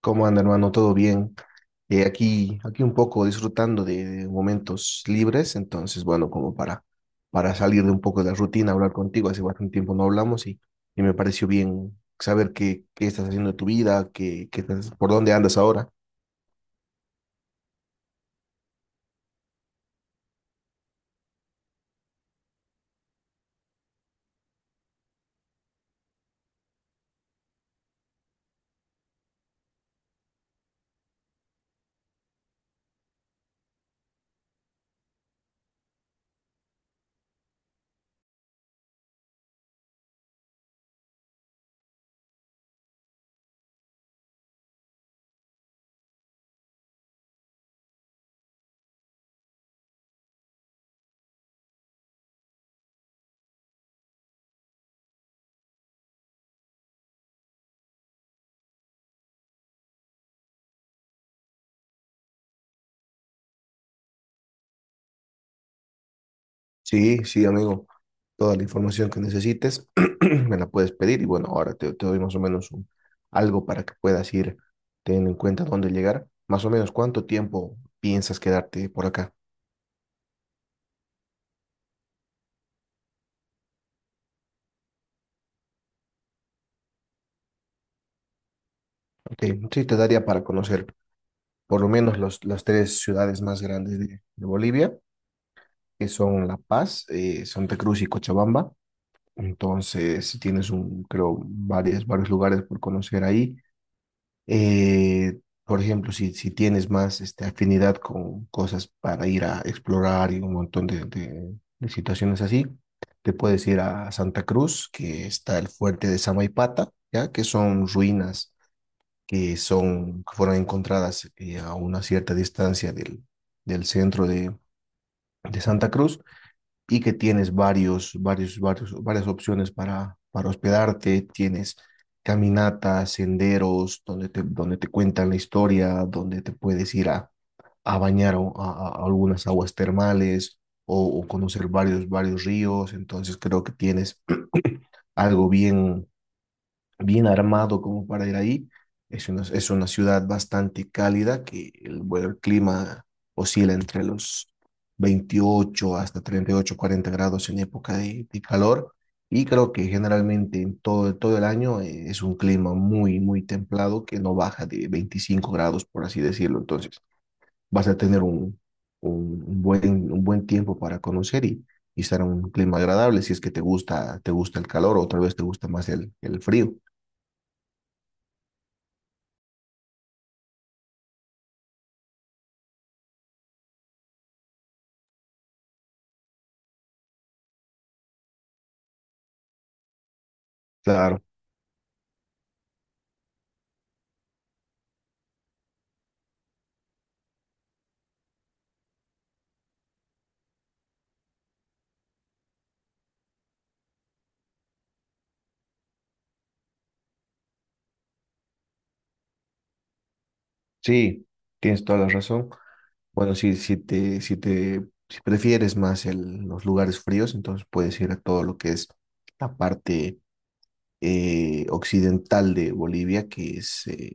¿Cómo anda, hermano? ¿Todo bien? Aquí un poco disfrutando de momentos libres, entonces, bueno, como para salir de un poco de la rutina, hablar contigo, hace bastante tiempo no hablamos y me pareció bien saber qué estás haciendo de tu vida, por dónde andas ahora. Sí, sí, amigo, toda la información que necesites me la puedes pedir y bueno, ahora te doy más o menos algo para que puedas ir teniendo en cuenta dónde llegar. Más o menos, ¿cuánto tiempo piensas quedarte por acá? Ok, sí, te daría para conocer por lo menos las tres ciudades más grandes de Bolivia, que son La Paz, Santa Cruz y Cochabamba. Entonces, si tienes un, creo, varias, varios lugares por conocer ahí. Eh, por ejemplo, si tienes más este, afinidad con cosas para ir a explorar y un montón de situaciones así, te puedes ir a Santa Cruz, que está el fuerte de Samaipata, ¿ya? Que son ruinas que fueron encontradas a una cierta distancia del, del centro de Santa Cruz y que tienes varias opciones para hospedarte, tienes caminatas, senderos, donde te cuentan la historia, donde te puedes ir a bañar o a algunas aguas termales o conocer varios ríos, entonces creo que tienes algo bien bien armado como para ir ahí. Es una ciudad bastante cálida que el, bueno, el clima oscila entre los 28 hasta 38, 40 grados en época de calor. Y creo que generalmente en todo, todo el año es un clima muy, muy templado que no baja de 25 grados, por así decirlo. Entonces vas a tener un buen tiempo para conocer y estar en un clima agradable si es que te gusta el calor o tal vez te gusta más el frío. Claro, sí, tienes toda la razón. Bueno, si prefieres más los lugares fríos, entonces puedes ir a todo lo que es la parte occidental de Bolivia, que es eh,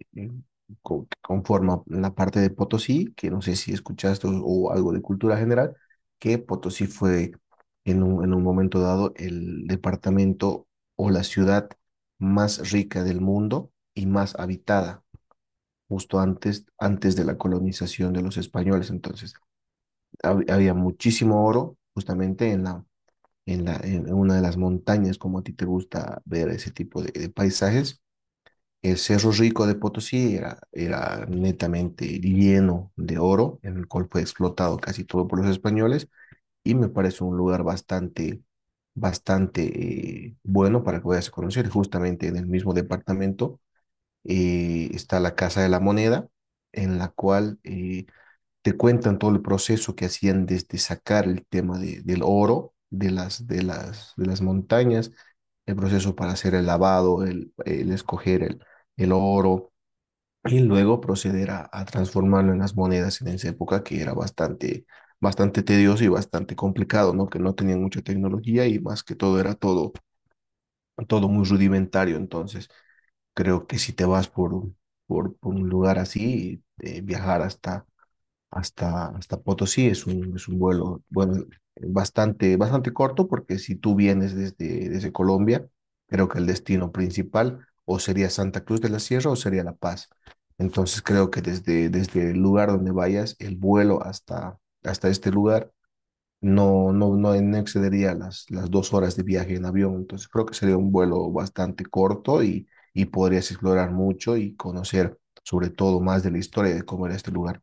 co- que conforma la parte de Potosí, que no sé si escuchaste o algo de cultura general, que Potosí fue en un momento dado el departamento o la ciudad más rica del mundo y más habitada. Justo antes, antes de la colonización de los españoles. Entonces, había muchísimo oro justamente en en una de las montañas, como a ti te gusta ver ese tipo de paisajes. El Cerro Rico de Potosí era, era netamente lleno de oro, en el cual fue explotado casi todo por los españoles y me parece un lugar bastante, bastante bueno para que vayas a conocer, justamente en el mismo departamento está la Casa de la Moneda, en la cual te cuentan todo el proceso que hacían desde sacar el tema del oro de de las montañas, el proceso para hacer el lavado, el escoger el oro y luego proceder a transformarlo en las monedas en esa época que era bastante, bastante tedioso y bastante complicado, ¿no? Que no tenían mucha tecnología y más que todo era todo, todo muy rudimentario entonces. Creo que si te vas por un lugar así, viajar hasta Potosí es un vuelo, bueno, bastante, bastante corto, porque si tú vienes desde, desde Colombia, creo que el destino principal o sería Santa Cruz de la Sierra o sería La Paz. Entonces creo que desde, desde el lugar donde vayas, el vuelo hasta este lugar no excedería las dos horas de viaje en avión, entonces creo que sería un vuelo bastante corto y podrías explorar mucho y conocer sobre todo más de la historia de cómo era este lugar.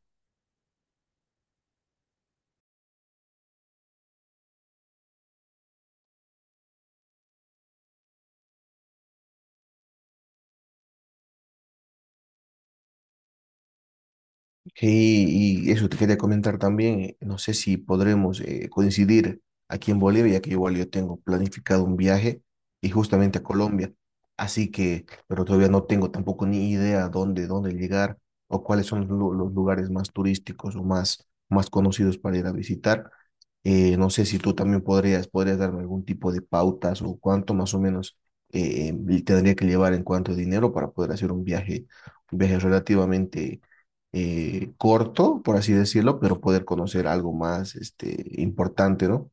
Sí, y eso te quería comentar también. No sé si podremos coincidir aquí en Bolivia, ya que igual yo tengo planificado un viaje y justamente a Colombia. Así que, pero todavía no tengo tampoco ni idea dónde, dónde llegar o cuáles son los lugares más turísticos o más, más conocidos para ir a visitar. No sé si tú también podrías, podrías darme algún tipo de pautas o cuánto más o menos tendría que llevar en cuanto a dinero para poder hacer un viaje relativamente corto, por así decirlo, pero poder conocer algo más este, importante, ¿no?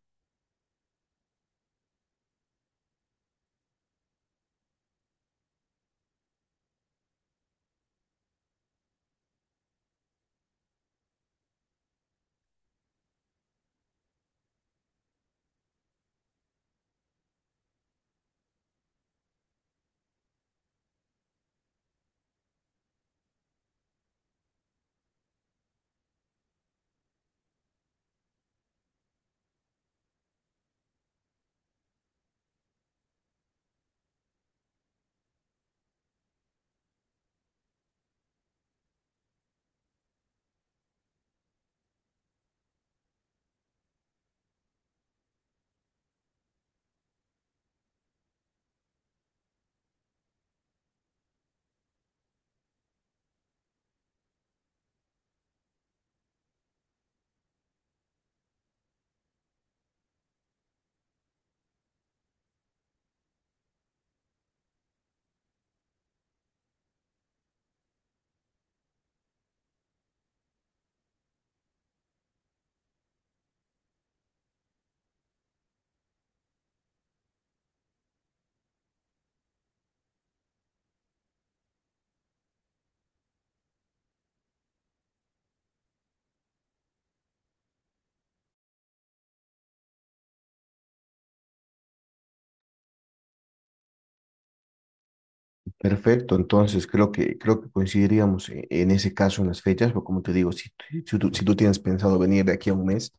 Perfecto, entonces creo que coincidiríamos en ese caso en las fechas, pero como te digo, si tú tienes pensado venir de aquí a un mes,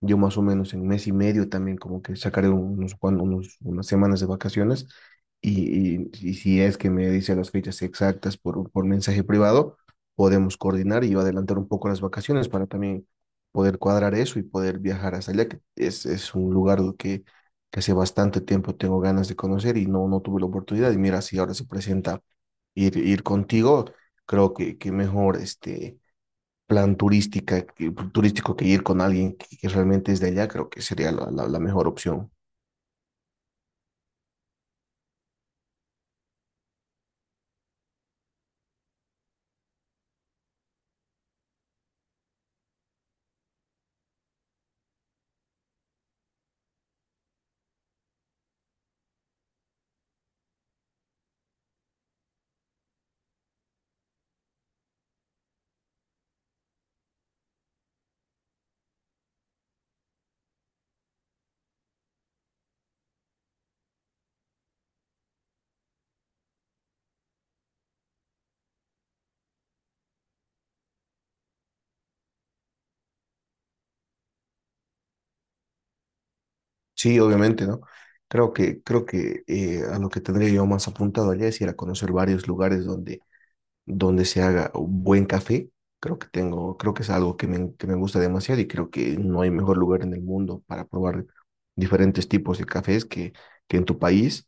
yo más o menos en mes y medio también como que sacaré unos, cuan- unos unas semanas de vacaciones y si es que me dice las fechas exactas por mensaje privado, podemos coordinar y yo adelantar un poco las vacaciones para también poder cuadrar eso y poder viajar hasta allá, que es un lugar que hace bastante tiempo tengo ganas de conocer y no, no tuve la oportunidad. Y mira, si ahora se presenta ir contigo, creo que mejor este turístico que ir con alguien que realmente es de allá, creo que sería la mejor opción. Sí, obviamente, ¿no? Creo que a lo que tendría yo más apuntado allá es ir a conocer varios lugares donde se haga un buen café. Creo que es algo que que me gusta demasiado y creo que no hay mejor lugar en el mundo para probar diferentes tipos de cafés que en tu país.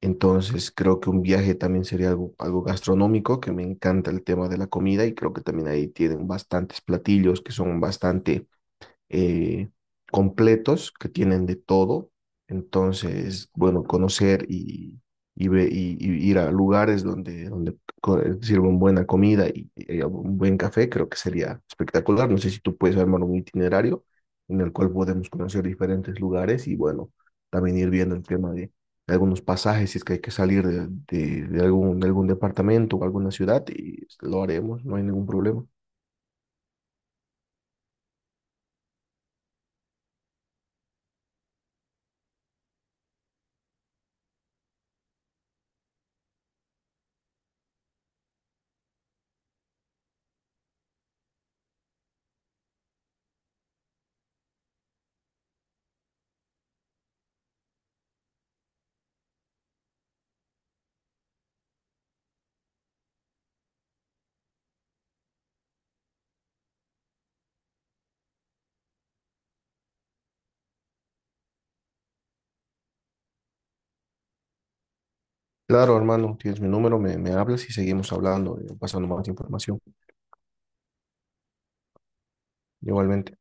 Entonces, creo que un viaje también sería algo, algo gastronómico, que me encanta el tema de la comida y creo que también ahí tienen bastantes platillos que son bastante eh, completos que tienen de todo. Entonces, bueno, conocer y ir a lugares donde, sirven buena comida y un buen café, creo que sería espectacular. No sé si tú puedes armar un itinerario en el cual podemos conocer diferentes lugares y bueno, también ir viendo el tema de algunos pasajes, si es que hay que salir de algún departamento o alguna ciudad, y lo haremos, no hay ningún problema. Claro, hermano, tienes mi número, me hablas y seguimos hablando, pasando más información. Igualmente.